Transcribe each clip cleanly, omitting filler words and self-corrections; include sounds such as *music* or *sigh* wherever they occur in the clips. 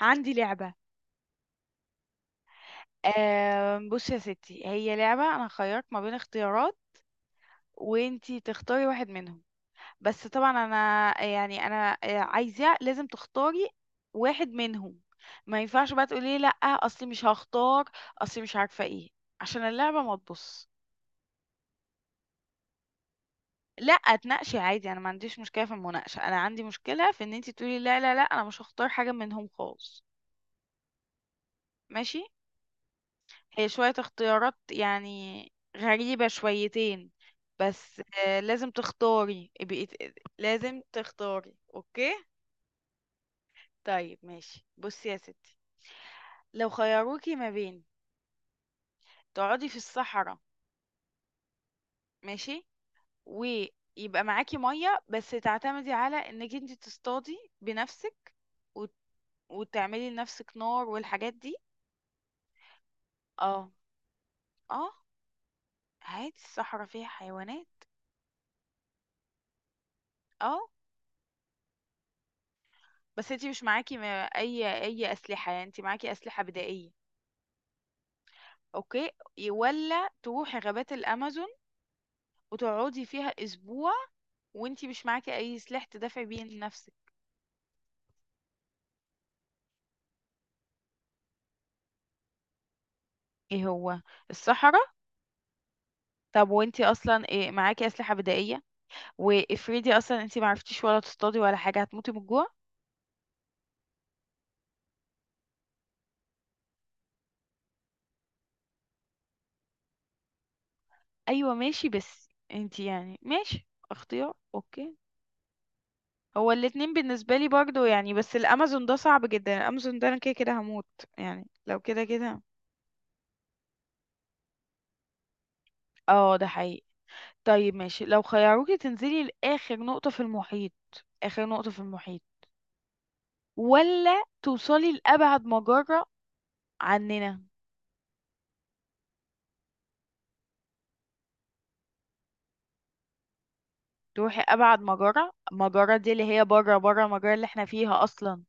عندي لعبة. بصي يا ستي، هي لعبة أنا خيرت ما بين اختيارات وانتي تختاري واحد منهم. بس طبعا أنا عايزة، لازم تختاري واحد منهم. ما ينفعش بقى تقولي لأ أصلي مش هختار، أصلي مش عارفة ايه، عشان اللعبة ما تبص. لأ تناقشي عادي، أنا ما عنديش مشكلة في المناقشة، أنا عندي مشكلة في إن انتي تقولي لا لا لا أنا مش هختار حاجة منهم خالص. ماشي. هي شوية اختيارات يعني غريبة شويتين، بس لازم تختاري لازم تختاري، اوكي؟ طيب ماشي، بصي يا ستي. لو خيروكي ما بين تقعدي في الصحراء، ماشي، ويبقى معاكي مية بس تعتمدي على انك انت تصطادي بنفسك وت- وتعملي لنفسك نار والحاجات دي. اه. اه عادي، الصحراء فيها حيوانات. اه. بس انتي مش معاكي اي اسلحه، يعني انتي معاكي اسلحه بدائيه، اوكي؟ ولا تروحي غابات الامازون وتقعدي فيها اسبوع وانتي مش معاكي اي سلاح تدافعي بيه لنفسك. ايه هو؟ الصحراء. طب وانتي اصلا إيه معاكي اسلحه بدائيه، وافرضي اصلا انتي معرفتيش ولا تصطادي ولا حاجه، هتموتي من الجوع. ايوه ماشي، بس انتي يعني ماشي اختيار، اوكي. هو الاتنين بالنسبه لي برضو يعني، بس الامازون ده صعب جدا، الامازون ده انا كده كده هموت، يعني لو كده كده. اه ده حقيقي. طيب ماشي، لو خيروكي تنزلي لآخر نقطة في المحيط، آخر نقطة في المحيط، ولا توصلي لأبعد مجرة عننا. تروحي أبعد مجرة، المجرة دي اللي هي بره بره المجرة اللي احنا فيها أصلا.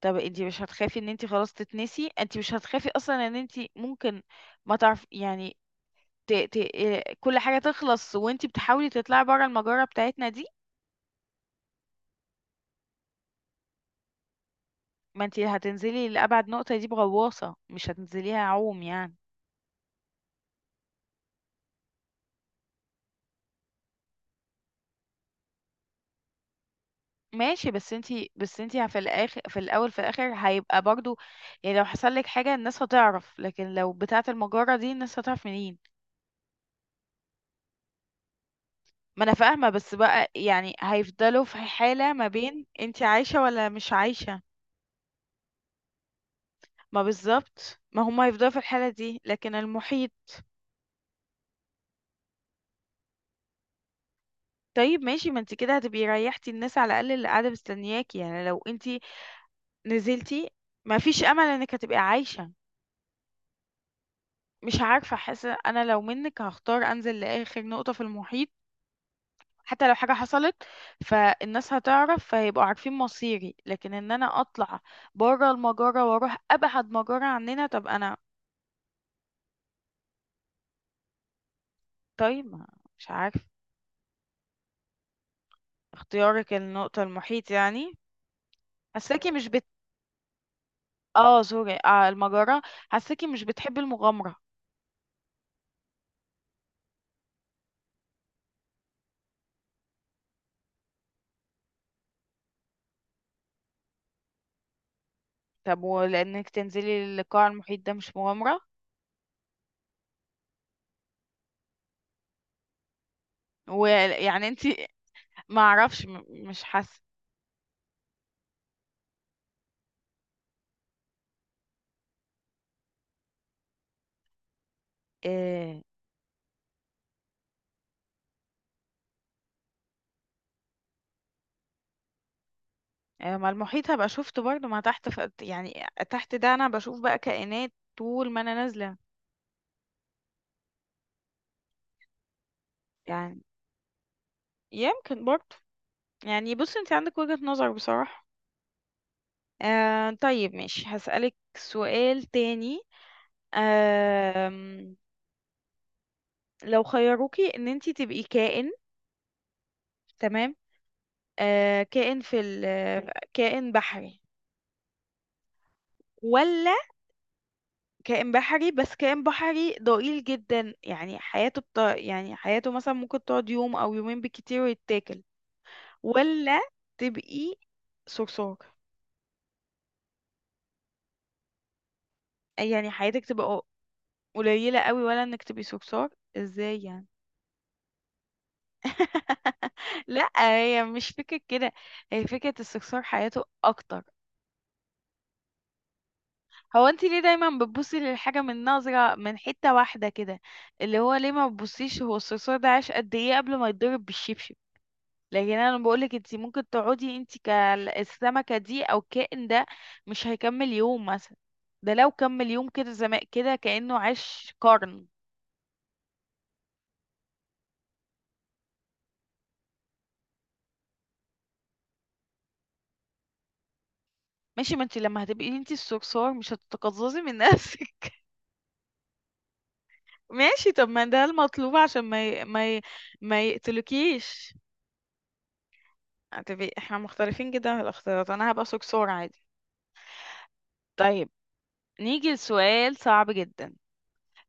طب انتي مش هتخافي ان انتي خلاص تتنسي؟ انتي مش هتخافي أصلا ان انتي ممكن ما تعرف يعني ت... ت... إيه، كل حاجة تخلص وانتي بتحاولي تطلعي بره المجرة بتاعتنا دي. ما انتي هتنزلي لأبعد نقطة دي بغواصة، مش هتنزليها عوم يعني. ماشي، بس انتي في الاخر، في الاول في الاخر هيبقى برضو، يعني لو حصل لك حاجه الناس هتعرف، لكن لو بتاعه المجره دي الناس هتعرف منين؟ ما انا فاهمه، بس بقى يعني هيفضلوا في حاله ما بين انتي عايشه ولا مش عايشه. ما بالظبط، ما هم هيفضلوا في الحاله دي، لكن المحيط. طيب ماشي، ما انتي كده هتبقي ريحتي الناس على الاقل اللي قاعده مستنياكي، يعني لو انتي نزلتي ما فيش امل انك هتبقي عايشه. مش عارفه، حاسه انا لو منك هختار انزل لاخر نقطه في المحيط، حتى لو حاجة حصلت فالناس هتعرف، فيبقوا عارفين مصيري، لكن ان انا اطلع بره المجرة واروح ابعد مجرة عننا، طب انا. طيب مش عارف. اختيارك النقطة المحيط يعني؟ حساكي مش بت. اه سوري، المجرة. حساكي مش بتحبي المغامرة. طب ولانك تنزلي للقاع المحيط ده مش مغامرة؟ ويعني انتي *laughs* ما اعرفش مش حاسة. آه، ما المحيط هبقى شفته برضه، ما تحت يعني تحت ده انا بشوف بقى كائنات طول ما انا نازلة. يعني يمكن برضه. يعني بص انت عندك وجهة نظر بصراحة. آه طيب ماشي، هسألك سؤال تاني. آه لو خيروكي ان انت تبقي كائن، تمام. آه كائن كائن بحري، ولا كائن بحري؟ بس كائن بحري ضئيل جدا يعني حياته يعني حياته مثلا ممكن تقعد يوم او يومين بالكتير ويتاكل، ولا تبقي صرصار. يعني حياتك تبقى قليلة قوي، ولا انك تبقي صرصار؟ ازاي يعني؟ *laughs* لا هي مش فكرة كده، هي فكرة الصرصار حياته اكتر. هو انت ليه دايما بتبصي للحاجة من نظرة من حتة واحدة كده؟ اللي هو ليه ما بتبصيش هو الصرصار ده عاش قد ايه قبل ما يتضرب بالشبشب؟ لكن انا بقولك انت ممكن تقعدي انت كالسمكه دي او الكائن ده مش هيكمل يوم مثلا. ده لو كمل يوم كده زمان، كده كانه عاش قرن. ماشي، ما انت لما هتبقي انت الصرصار مش هتتقززي من نفسك؟ *laughs* ماشي، طب ما ده المطلوب عشان ما يقتلكيش. هتبقي احنا مختلفين جدا في الاختيارات، انا هبقى صرصار عادي. طيب نيجي لسؤال صعب جدا.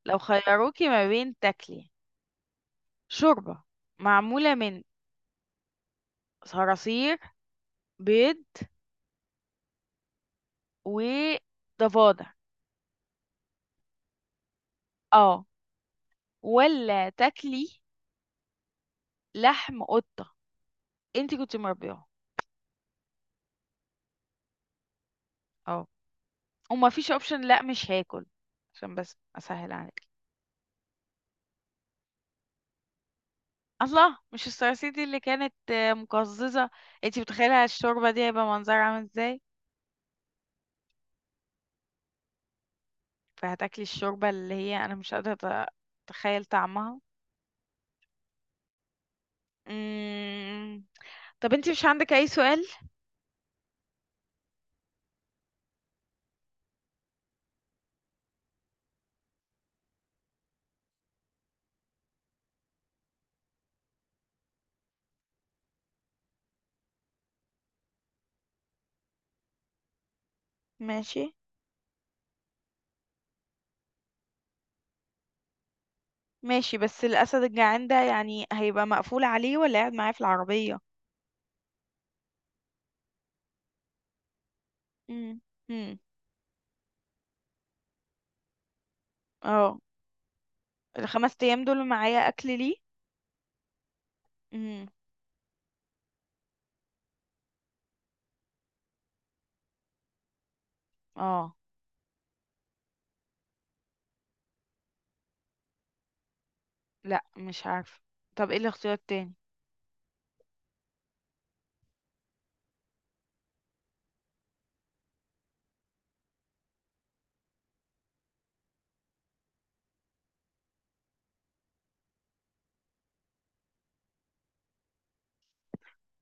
لو خيروكي ما بين تاكلي شوربه معموله من صراصير، بيض، وضفادع. اه. ولا تاكلي لحم قطة انت كنت مربياه. اه. وما فيش اوبشن لا مش هاكل، عشان بس اسهل عليك. الله! مش الصراصير دي اللي كانت مقززة؟ انت متخيلة الشوربة دي هيبقى منظرها عامل ازاي؟ فهتاكلي الشوربة اللي هي انا مش قادرة أت- اتخيل طعمها. مم. طب انت مش عندك اي سؤال؟ ماشي. ماشي، بس الاسد الجعان ده يعني هيبقى مقفول عليه ولا قاعد معاه في العربية؟ مم. مم. اه 5 ايام دول معايا اكل ليه؟ امم. اه لا مش عارفه. طب ايه الاختيار التاني؟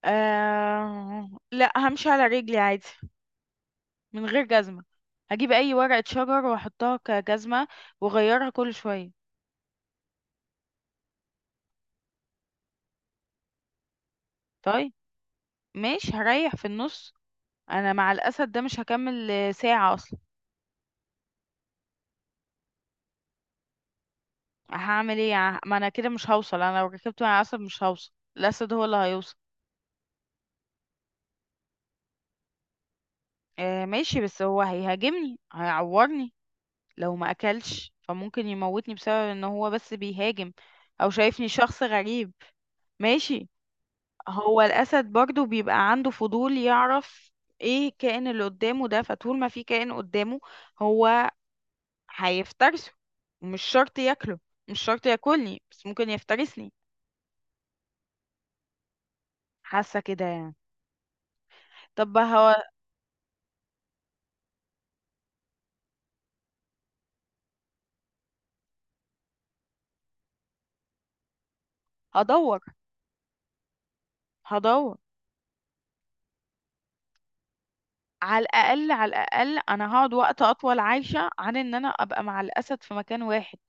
لا همشي على رجلي عادي من غير جزمه، هجيب اي ورقه شجر واحطها كجزمه واغيرها كل شويه. طيب ماشي هريح في النص. انا مع الاسد ده مش هكمل ساعه اصلا. هعمل ايه ما انا كده مش هوصل، انا لو ركبت مع الاسد مش هوصل، الاسد هو اللي هيوصل. آه ماشي، بس هو هيهاجمني، هيعورني. لو ما اكلش فممكن يموتني بسبب ان هو بس بيهاجم، او شايفني شخص غريب. ماشي، هو الاسد برضو بيبقى عنده فضول يعرف ايه الكائن اللي قدامه ده، فطول ما في كائن قدامه هو هيفترسه، ومش شرط ياكله، مش شرط ياكلني بس ممكن يفترسني. حاسه كده يعني. طب هو هدور هدور، على الاقل على الاقل انا هقعد وقت اطول عايشه عن ان انا ابقى مع الاسد في مكان واحد.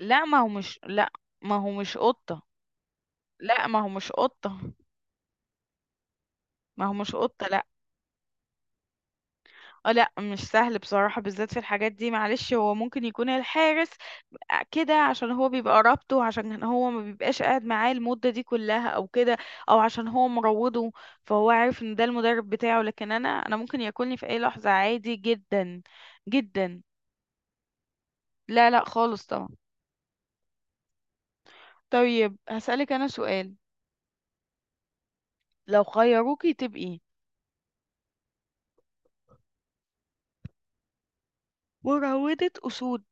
لا ما هو مش لا ما هو مش قطة. لا ما هو مش قطة. ما هو مش قطة، لا. اه لا مش سهل بصراحة، بالذات في الحاجات دي. معلش هو ممكن يكون الحارس كده عشان هو بيبقى رابطه، عشان هو ما بيبقاش قاعد معاه المدة دي كلها او كده، او عشان هو مروضه فهو عارف ان ده المدرب بتاعه، لكن انا ممكن ياكلني في اي لحظة عادي جدا جدا. لا لا خالص طبعا. طيب هسألك انا سؤال. لو خيروكي تبقي مروضة اسود،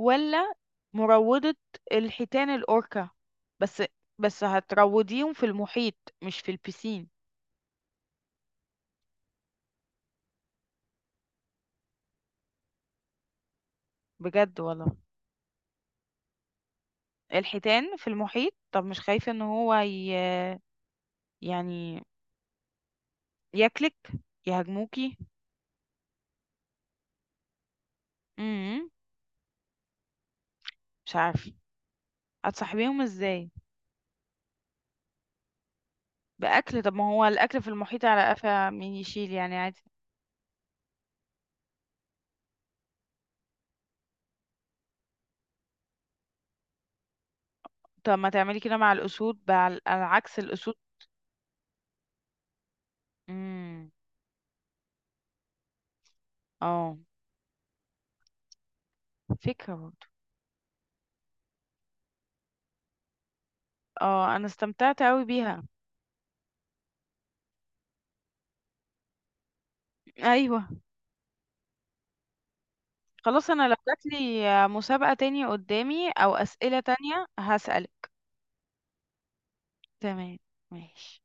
ولا مروضة الحيتان الأوركا؟ بس بس هتروضيهم في المحيط مش في البسين. بجد والله الحيتان في المحيط؟ طب مش خايفة ان هو يعني ياكلك، يهاجموكي؟ امم. مش عارفة، هتصاحبيهم ازاي؟ بأكل؟ طب ما هو الأكل في المحيط على قفا مين يشيل، يعني عادي. طب ما تعملي كده مع الأسود بقى، على عكس الأسود. امم. اه فكرة برضه. اه انا استمتعت قوي بيها. ايوه. خلاص انا لو جاتلي مسابقة تاني قدامي او اسئلة تانية هسألك. تمام. ماشي.